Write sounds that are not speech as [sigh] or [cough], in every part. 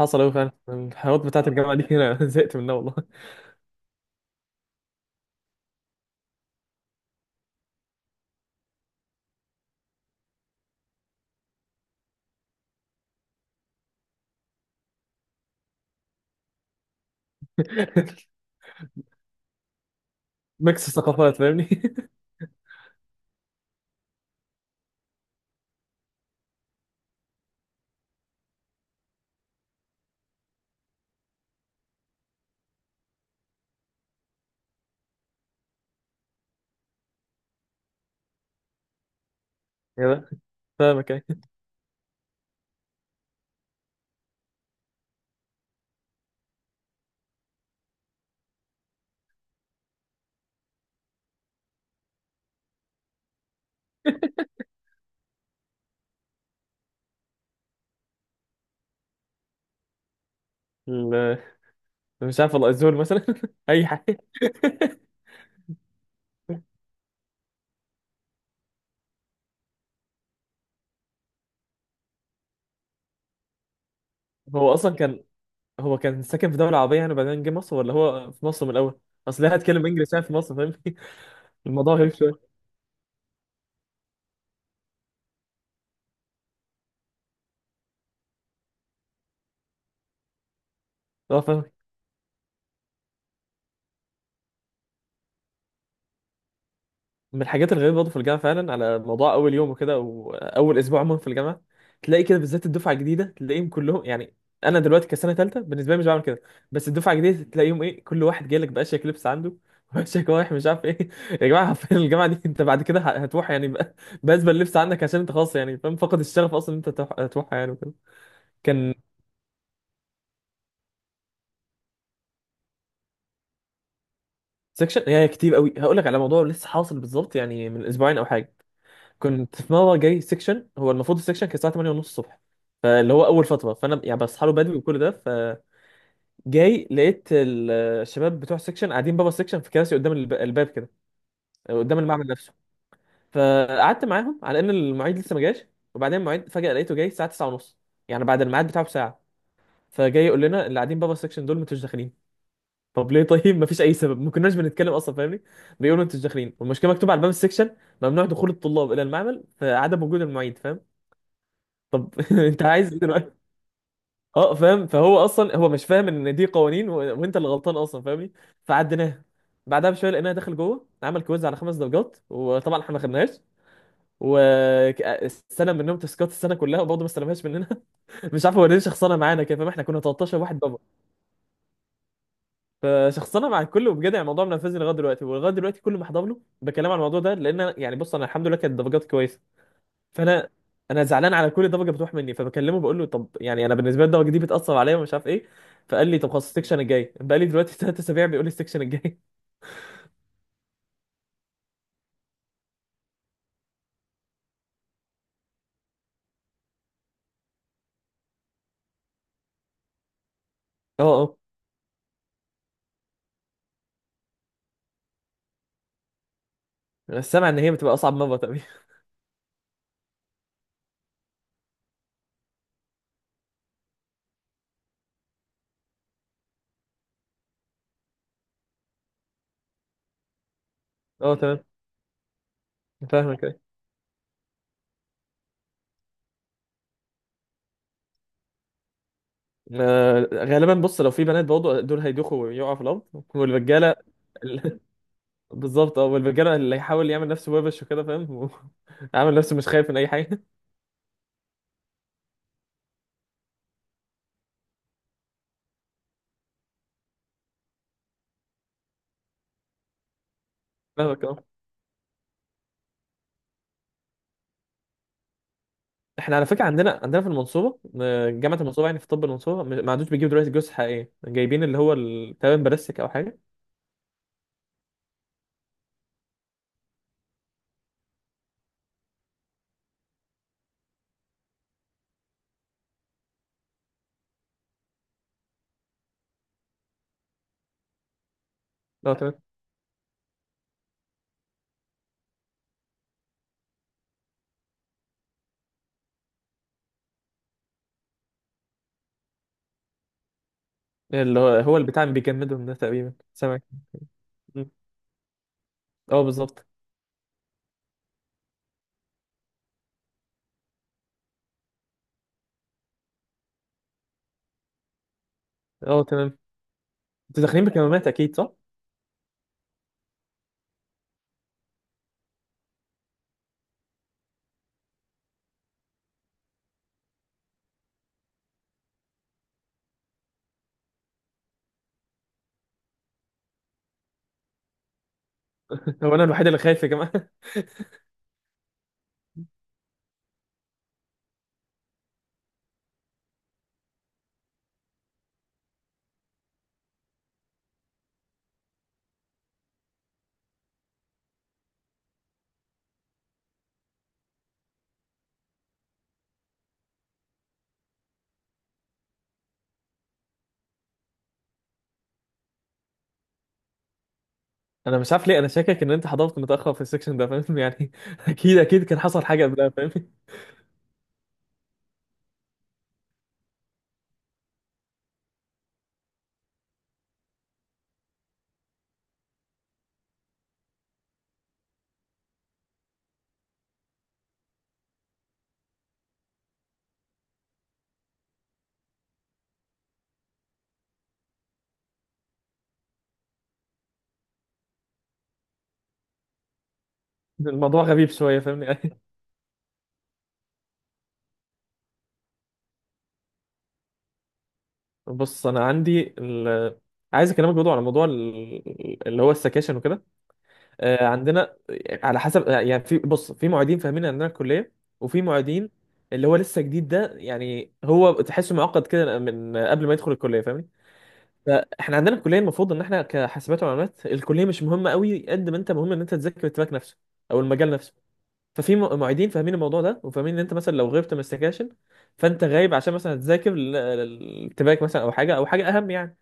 حصل أوي فعلا الحوارات بتاعت الجامعة دي أنا [laughs] زهقت منها والله. [laughs] ميكس ثقافات فاهمني. [laughs] كده، فاهمك أي. ال- مش عارف والله الزول مثلا [laughs] أي حاجة. [laughs] هو أصلا كان هو كان ساكن في دولة عربية يعني وبعدين جه مصر ولا هو في مصر من الأول؟ أصل ليه هتكلم إنجليزي يعني في مصر فاهمني؟ [laughs] الموضوع غريب شوية. اه، من الحاجات الغريبة برضه في الجامعة فعلا على موضوع أول يوم وكده وأول أسبوع عموما في الجامعة تلاقي كده بالذات الدفعة الجديدة تلاقيهم كلهم يعني. أنا دلوقتي كسنة تالتة بالنسبة لي مش بعمل كده، بس الدفعة الجديدة تلاقيهم إيه، كل واحد جاي لك بأشيك لبس عنده [laughs] وأشيك رايح مش عارف إيه. يا جماعة حرفيا الجامعة دي أنت بعد كده هتروح يعني بأزبل لبس عندك عشان أنت خلاص يعني فاهم، فقد الشغف أصلا ان أنت تروحها يعني وكده كان. سكشن يعني كتير قوي، هقول لك على موضوع لسه حاصل بالظبط يعني من أسبوعين أو حاجة. كنت في مره جاي سيكشن، هو المفروض السيكشن كان الساعه 8 ونص الصبح، فاللي هو اول فتره فانا يعني بصحى له بدري وكل ده، فجاي لقيت الشباب بتوع السيكشن قاعدين بابا السيكشن في كراسي قدام الباب كده، قدام المعمل نفسه. فقعدت معاهم على ان المعيد لسه ما جاش، وبعدين المعيد فجاه لقيته جاي الساعه 9 ونص، يعني بعد الميعاد بتاعه بساعه. فجاي يقول لنا اللي قاعدين بابا السيكشن دول ما انتوش داخلين. طب ليه؟ طيب ما فيش اي سبب، ما كناش بنتكلم اصلا فاهمني. بيقولوا ما انتوش داخلين والمشكله مكتوبه على باب السيكشن: ممنوع دخول الطلاب الى المعمل فعدم وجود المعيد، فاهم؟ طب [laughs] انت عايز ايه دلوقتي؟ اه فاهم، فهو اصلا هو مش فاهم ان دي قوانين وانت اللي غلطان اصلا فاهمني. فعديناها، بعدها بشويه لقيناها داخل جوه عمل كويز على خمس درجات وطبعا احنا ما خدناش، واستلم منهم تاسكات السنه كلها وبرضه ما استلمهاش مننا. [laughs] مش عارف هو ليه شخصنه معانا كده فاهم، احنا كنا 13 واحد بابا، فشخصنه مع الكل وبجد يعني الموضوع منفذني لغايه دلوقتي، ولغايه دلوقتي كل ما احضر له بكلام عن الموضوع ده لان يعني بص انا الحمد لله كانت درجاتي كويسه، فانا انا زعلان على كل الضجه بتروح مني، فبكلمه بقول له طب يعني انا بالنسبه لي الضجه دي بتاثر عليا ومش عارف ايه. فقال لي طب خلاص السكشن الجاي، بقى لي دلوقتي ثلاث اسابيع بيقول لي السكشن الجاي. [laughs] اه اه، انا سامع ان هي بتبقى اصعب مره تقريبا. [laughs] اه تمام، فاهمك ايه. آه، غالبا بص لو في بنات برضه دول هيدوخوا ويقعوا في الارض، والرجاله [laughs] بالظبط اه، والرجاله اللي هيحاول يعمل نفسه وبش وكده فاهم، [laughs] عامل نفسه مش خايف من اي حاجه. [laughs] فاهمك أه. احنا على فكره عندنا في المنصوبه، آه، جامعه المنصوبه يعني في طب المنصوبه، ما عندوش، بيجيبوا دلوقتي جثث حقيقيه جايبين اللي هو تقريبا بلاستيك او حاجه. اه تمام، اللي هو هو البتاع اللي بيجمدهم ده تقريبا، سامعك. مم. اه بالظبط. اه تمام، انتوا داخلين بكمامات اكيد صح؟ [laughs] هو انا الوحيد اللي خايف يا جماعه؟ [laughs] انا مش عارف ليه انا شاكك ان انت حضرت متاخر في السكشن ده فاهم يعني، [laughs] اكيد اكيد كان حصل حاجه قبلها فاهم. [laughs] الموضوع غريب شويه فاهمني يعني. [laughs] بص انا عندي عايز اكلمك برضه على موضوع اللي هو السكاشن وكده. آه، عندنا على حسب يعني في، بص في معيدين فاهمين عندنا الكليه، وفي معيدين اللي هو لسه جديد ده، يعني هو تحسه معقد كده من قبل ما يدخل الكليه فاهمني. فاحنا عندنا الكليه المفروض ان احنا كحاسبات ومعلومات الكليه مش مهمه قوي قد ما انت مهم ان انت تذاكر التراك نفسه او المجال نفسه. ففي معيدين فاهمين الموضوع ده وفاهمين ان انت مثلا لو غبت من السكاشن فانت غايب عشان مثلا تذاكر التراك مثلا او حاجه او حاجه اهم يعني.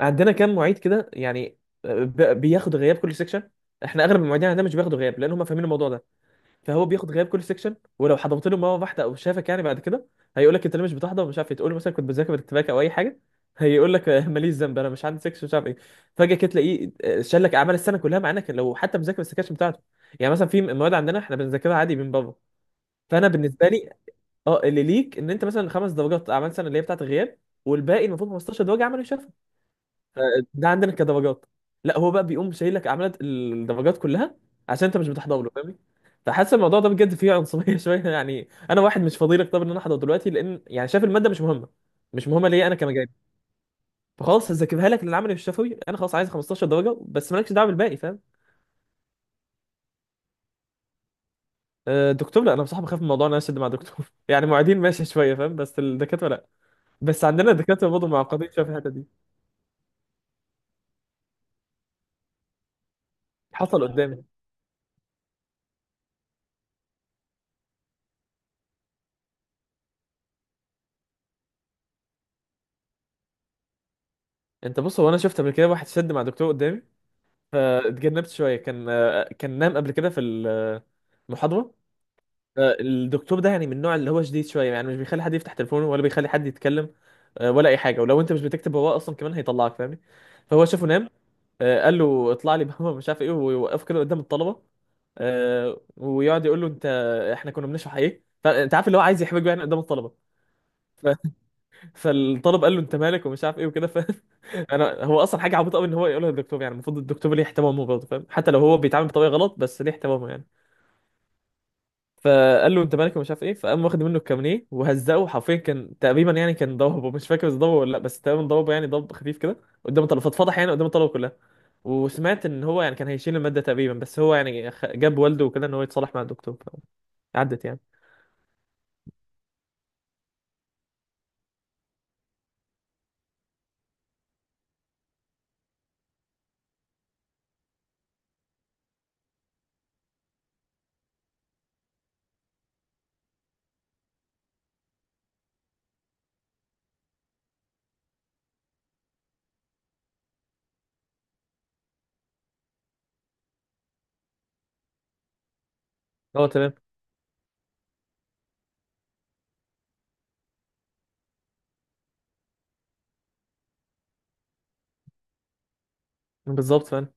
عندنا كام معيد كده يعني بياخدوا غياب كل سيكشن. احنا اغلب المعيدين عندنا مش بياخدوا غياب لان هم فاهمين الموضوع ده، فهو بياخد غياب كل سيكشن ولو حضرت له مره واحده او شافك يعني بعد كده هيقول لك انت ليه مش بتحضر ومش عارف إيه. تقول له مثلا كنت بذاكر بالاتفاق او اي حاجه، هيقول لك [laughs] "آه، ماليش ذنب انا مش عندي سيكشن مش عارف ايه". فجاه كده تلاقيه آه، شال لك اعمال السنه كلها مع انك لو حتى مذاكر السكاشن بتاعته. يعني مثلا في مواد عندنا احنا بنذاكرها عادي من بره. فانا بالنسبه لي، اه اللي ليك ان انت مثلا خمس درجات اعمال سنه اللي هي بتاعت الغياب، والباقي المفروض 15 درجه عملوا شافها، ده عندنا كدرجات. لا، هو بقى بيقوم شايلك عملت الدرجات كلها عشان انت مش بتحضر له فاهمني. فحاسس الموضوع ده بجد فيه عنصريه [laughs] شويه يعني. انا واحد مش فاضي لك طب ان انا احضر دلوقتي لان يعني شايف الماده مش مهمه، مش مهمه ليا انا كمجال. فخلاص هذاكرها لك للعملي والشفوي انا خلاص، عايز 15 درجه بس مالكش دعوه بالباقي فاهم. آه، الدكتور لا، انا بصراحه بخاف من موضوع ان انا اشد مع الدكتور. [laughs] يعني معيدين ماشي شويه فاهم، بس الدكاتره لا. بس عندنا الدكاتره برضه معقدين شويه في الحته دي. حصل قدامي، انت بص، هو انا شفت قبل كده واحد شد مع دكتور قدامي فاتجنبت شويه. كان، كان نام قبل كده في المحاضره. آه، الدكتور ده يعني من النوع اللي هو شديد شويه، يعني مش بيخلي حد يفتح تليفونه ولا بيخلي حد يتكلم، آه، ولا اي حاجه، ولو انت مش بتكتب وراه اصلا كمان هيطلعك فاهمني. فهو شافه نام، آه، قال له اطلع لي [laughs] بابا مش عارف ايه، ويوقفه كده قدام الطلبه. آه، ويقعد يقول له انت، احنا كنا بنشرح ايه، فانت عارف اللي هو عايز يحرجه يعني قدام الطلبه. ف... [laughs] فالطالب قال له انت مالك ومش عارف ايه وكده. انا، هو اصلا حاجه عبيطه قوي ان هو يقولها للدكتور، يعني المفروض الدكتور ليه احترامه برضه فاهم، حتى لو هو بيتعامل بطريقه غلط بس ليه احترامه يعني. فقال له انت مالك ومش عارف ايه، فقام واخد منه الكامنيه وهزقه حرفيا، كان تقريبا يعني كان ضربه، مش فاكر اذا ضربه ولا لا بس تقريبا ضربه يعني ضرب خفيف كده قدام الطلبه، فاتفضح يعني قدام الطلبه كلها. وسمعت ان هو يعني كان هيشيل الماده تقريبا، بس هو يعني جاب والده وكده ان هو يتصالح مع الدكتور، عدت يعني. هو تمام، بالظبط فاهم.